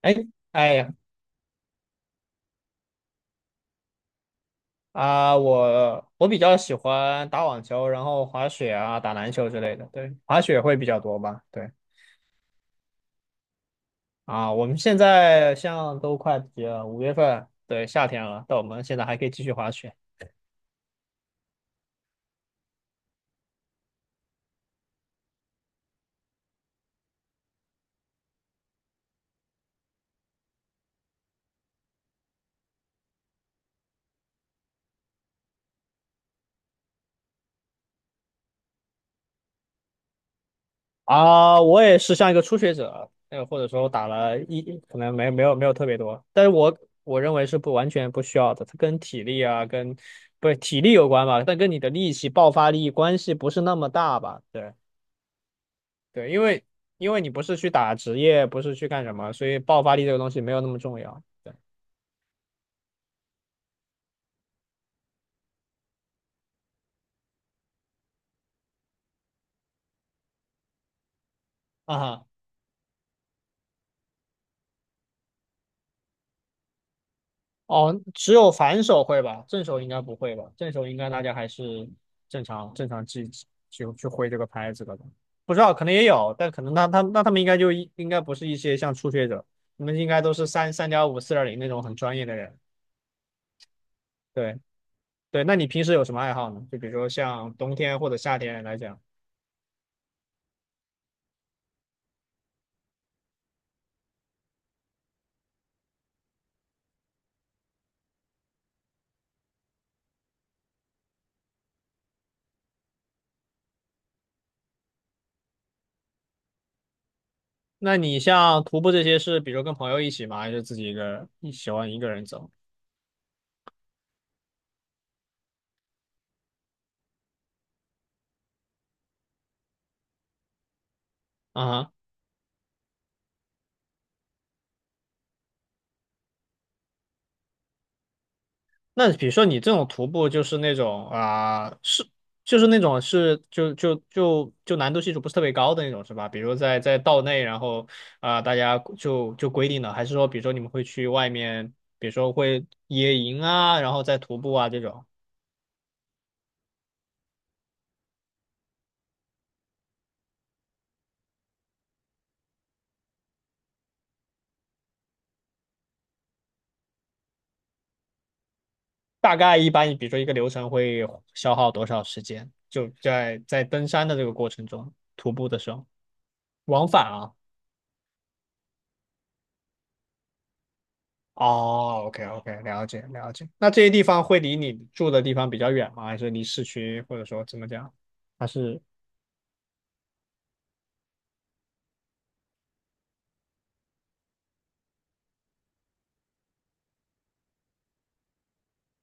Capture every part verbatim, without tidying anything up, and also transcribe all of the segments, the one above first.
哎，哎呀啊，我我比较喜欢打网球，然后滑雪啊，打篮球之类的。对，滑雪会比较多吧？对啊，我们现在像都快毕业了五月份，对，夏天了，但我们现在还可以继续滑雪啊。我也是像一个初学者，呃，或者说打了一，可能没没有没有特别多，但是我我认为是不完全不需要的，它跟体力啊，跟不是体力有关吧，但跟你的力气、爆发力关系不是那么大吧？对。对，因为因为你不是去打职业，不是去干什么，所以爆发力这个东西没有那么重要。对啊哈，哦，只有反手会吧，正手应该不会吧？正手应该大家还是正常正常去去去挥这个拍子的吧，不知道可能也有，但可能他他那他们应该就一应该不是一些像初学者，你们应该都是三三点五、四点零那种很专业的人。对对，那你平时有什么爱好呢？就比如说像冬天或者夏天来讲。那你像徒步这些是，比如跟朋友一起吗？还是自己一个人？你喜欢一个人走？啊哈，那比如说你这种徒步就是那种啊、是就是那种是就就就就难度系数不是特别高的那种是吧？比如在在道内，然后啊、大家就就规定的，还是说比如说你们会去外面，比如说会野营啊，然后再徒步啊这种，大概一般比如说一个流程会消耗多少时间？就在在登山的这个过程中，徒步的时候往返啊。哦，OK OK,了解了解。那这些地方会离你住的地方比较远吗？还是离市区，或者说怎么讲？还是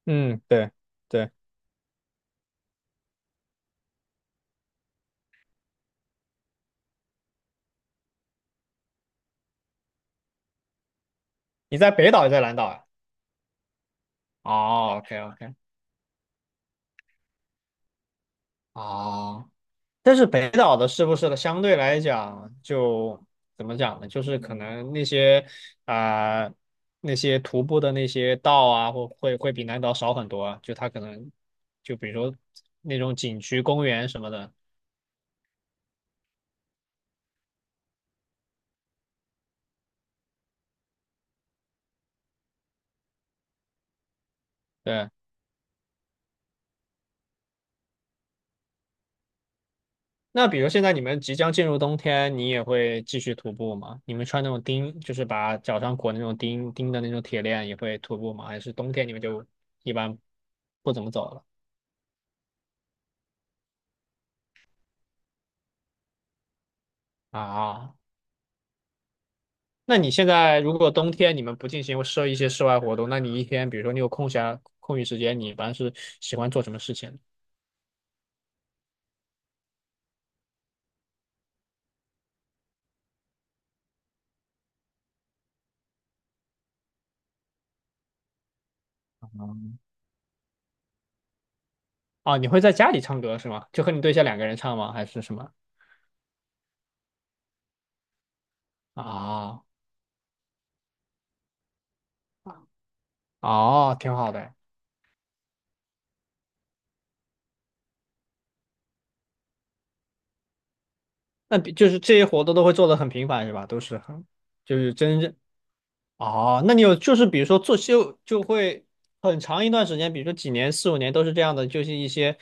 嗯，对对，你在北岛也在南岛呀？哦，OK OK,哦，但是北岛的是不是的，相对来讲就怎么讲呢？就是可能那些啊、呃那些徒步的那些道啊，或会会比南岛少很多啊。就它可能就比如说那种景区、公园什么的，对。那比如现在你们即将进入冬天，你也会继续徒步吗？你们穿那种钉，就是把脚上裹那种钉钉的那种铁链，也会徒步吗？还是冬天你们就一般不怎么走了啊？那你现在如果冬天你们不进行设一些室外活动，那你一天，比如说你有空暇空余时间，你一般是喜欢做什么事情？啊？你会在家里唱歌是吗？就和你对象两个人唱吗？还是什么？啊，哦，挺好的。那比就是这些活动都会做的很频繁是吧？都是很。就是真正哦，那你有就是比如说做秀就会很长一段时间，比如说几年、四五年都是这样的，就是一些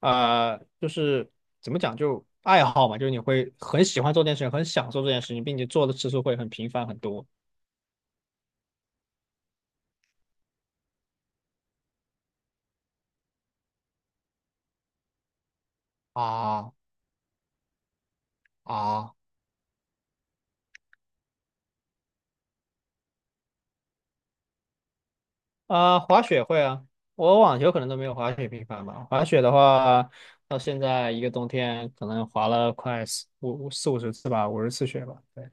呃，就是怎么讲，就爱好嘛，就是你会很喜欢做这件事情，很享受这件事情，并且做的次数会很频繁很多。啊啊啊！滑雪会啊，我网球可能都没有滑雪频繁吧。滑雪的话，到现在一个冬天可能滑了快四五四五十次吧，五十次雪吧，对，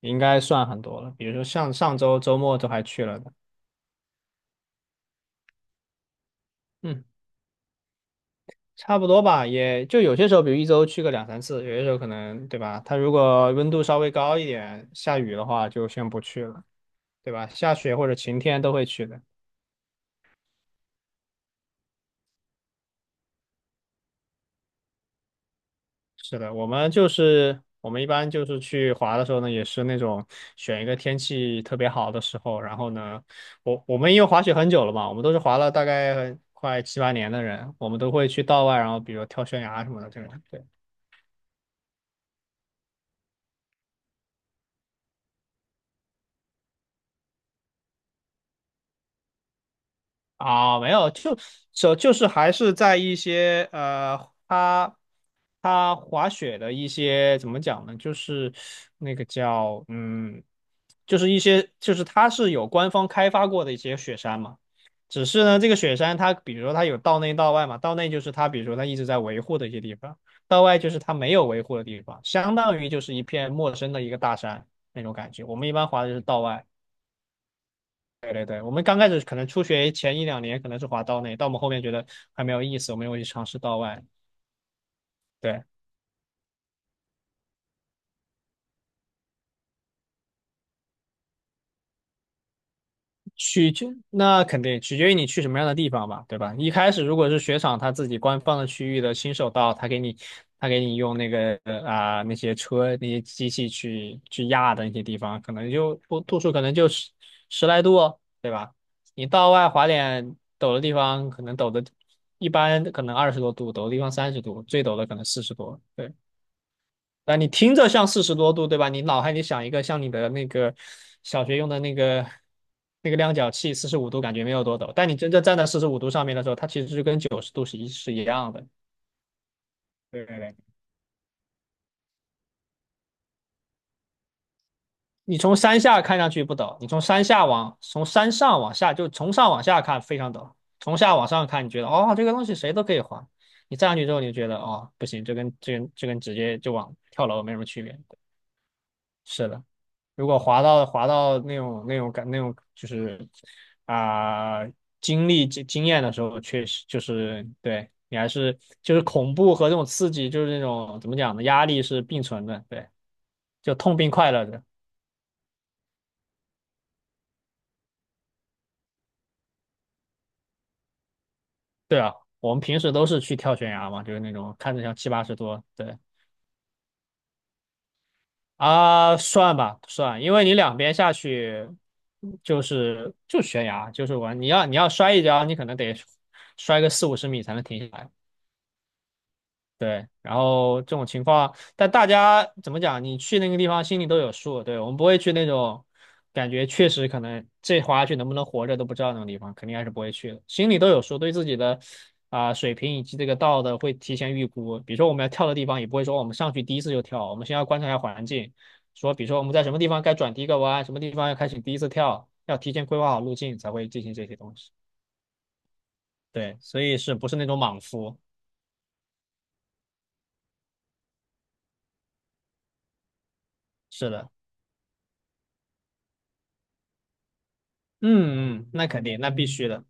应该算很多了。比如说像上周周末都还去了的，嗯。差不多吧，也就有些时候，比如一周去个两三次，有些时候可能，对吧？它如果温度稍微高一点，下雨的话就先不去了，对吧？下雪或者晴天都会去的。是的，我们就是我们一般就是去滑的时候呢，也是那种选一个天气特别好的时候，然后呢，我我们因为滑雪很久了嘛，我们都是滑了大概快七八年的人，我们都会去道外，然后比如跳悬崖什么的这种。对。啊，没有，就就就是还是在一些呃，他他滑雪的一些怎么讲呢？就是那个叫嗯，就是一些就是它是有官方开发过的一些雪山嘛。只是呢，这个雪山它比如说它有道内道外嘛，道内就是它比如说它一直在维护的一些地方，道外就是它没有维护的地方，相当于就是一片陌生的一个大山那种感觉。我们一般滑的就是道外。对对对，我们刚开始可能初学前一两年可能是滑刀内，到我们后面觉得还没有意思，我们又会去尝试刀外。对，取决那肯定取决于你去什么样的地方吧，对吧？一开始如果是雪场他自己官方的区域的新手道，他给你他给你用那个呃啊、那些车那些机器去去压的那些地方，可能就不度数可能就十十来度哦，对吧？你道外滑点陡的地方，可能陡的一般可能二十多度，陡的地方三十度，最陡的可能四十多。对。那你听着像四十多度，对吧？你脑海里想一个像你的那个小学用的那个那个量角器，四十五度感觉没有多陡，但你真正站在四十五度上面的时候，它其实是跟九十度是一是一样的。对对对，你从山下看上去不陡，你从山下往从山上往下，就从上往下看非常陡，从下往上看，你觉得哦这个东西谁都可以滑，你站上去之后，你就觉得哦不行，这跟这跟这跟直接就往跳楼没什么区别。对是的，如果滑到滑到那种那种感那种就是啊、经历经经验的时候，确实就是对你还是就是恐怖和这种刺激，就是那种怎么讲呢，压力是并存的，对，就痛并快乐着。对啊，我们平时都是去跳悬崖嘛，就是那种看着像七八十多，对啊，算吧算，因为你两边下去就是就悬崖，就是完，你要你要摔一跤，你可能得摔个四五十米才能停下来。对，然后这种情况，但大家怎么讲？你去那个地方心里都有数，对，我们不会去那种感觉确实可能这滑下去能不能活着都不知道那种地方，肯定还是不会去的。心里都有数，对自己的啊、水平以及这个道的会提前预估。比如说我们要跳的地方，也不会说我们上去第一次就跳，我们先要观察一下环境，说比如说我们在什么地方该转第一个弯，什么地方要开始第一次跳，要提前规划好路径才会进行这些东西。对，所以是不是那种莽夫？是的，嗯嗯，那肯定，那必须的。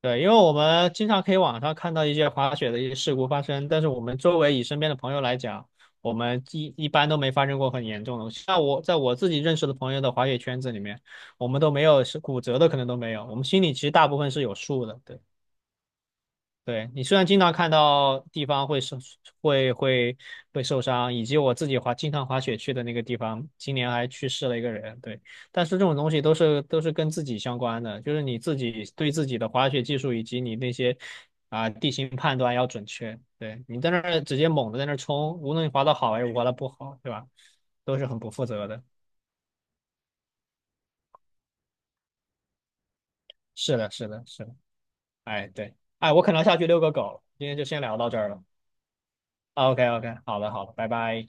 对，因为我们经常可以网上看到一些滑雪的一些事故发生，但是我们周围以身边的朋友来讲，我们一一般都没发生过很严重的。像我在我自己认识的朋友的滑雪圈子里面，我们都没有是骨折的，可能都没有。我们心里其实大部分是有数的。对。对，你虽然经常看到地方会受会会会受伤，以及我自己滑经常滑雪去的那个地方，今年还去世了一个人。对，但是这种东西都是都是跟自己相关的，就是你自己对自己的滑雪技术以及你那些啊、地形判断要准确。对，你在那儿直接猛的在那儿冲，无论你滑的好还是滑的不好，对吧？都是很不负责的。是的，是的，是的。哎，对，哎，我可能要下去遛个狗，今天就先聊到这儿了。OK，OK，好的，好的，拜拜。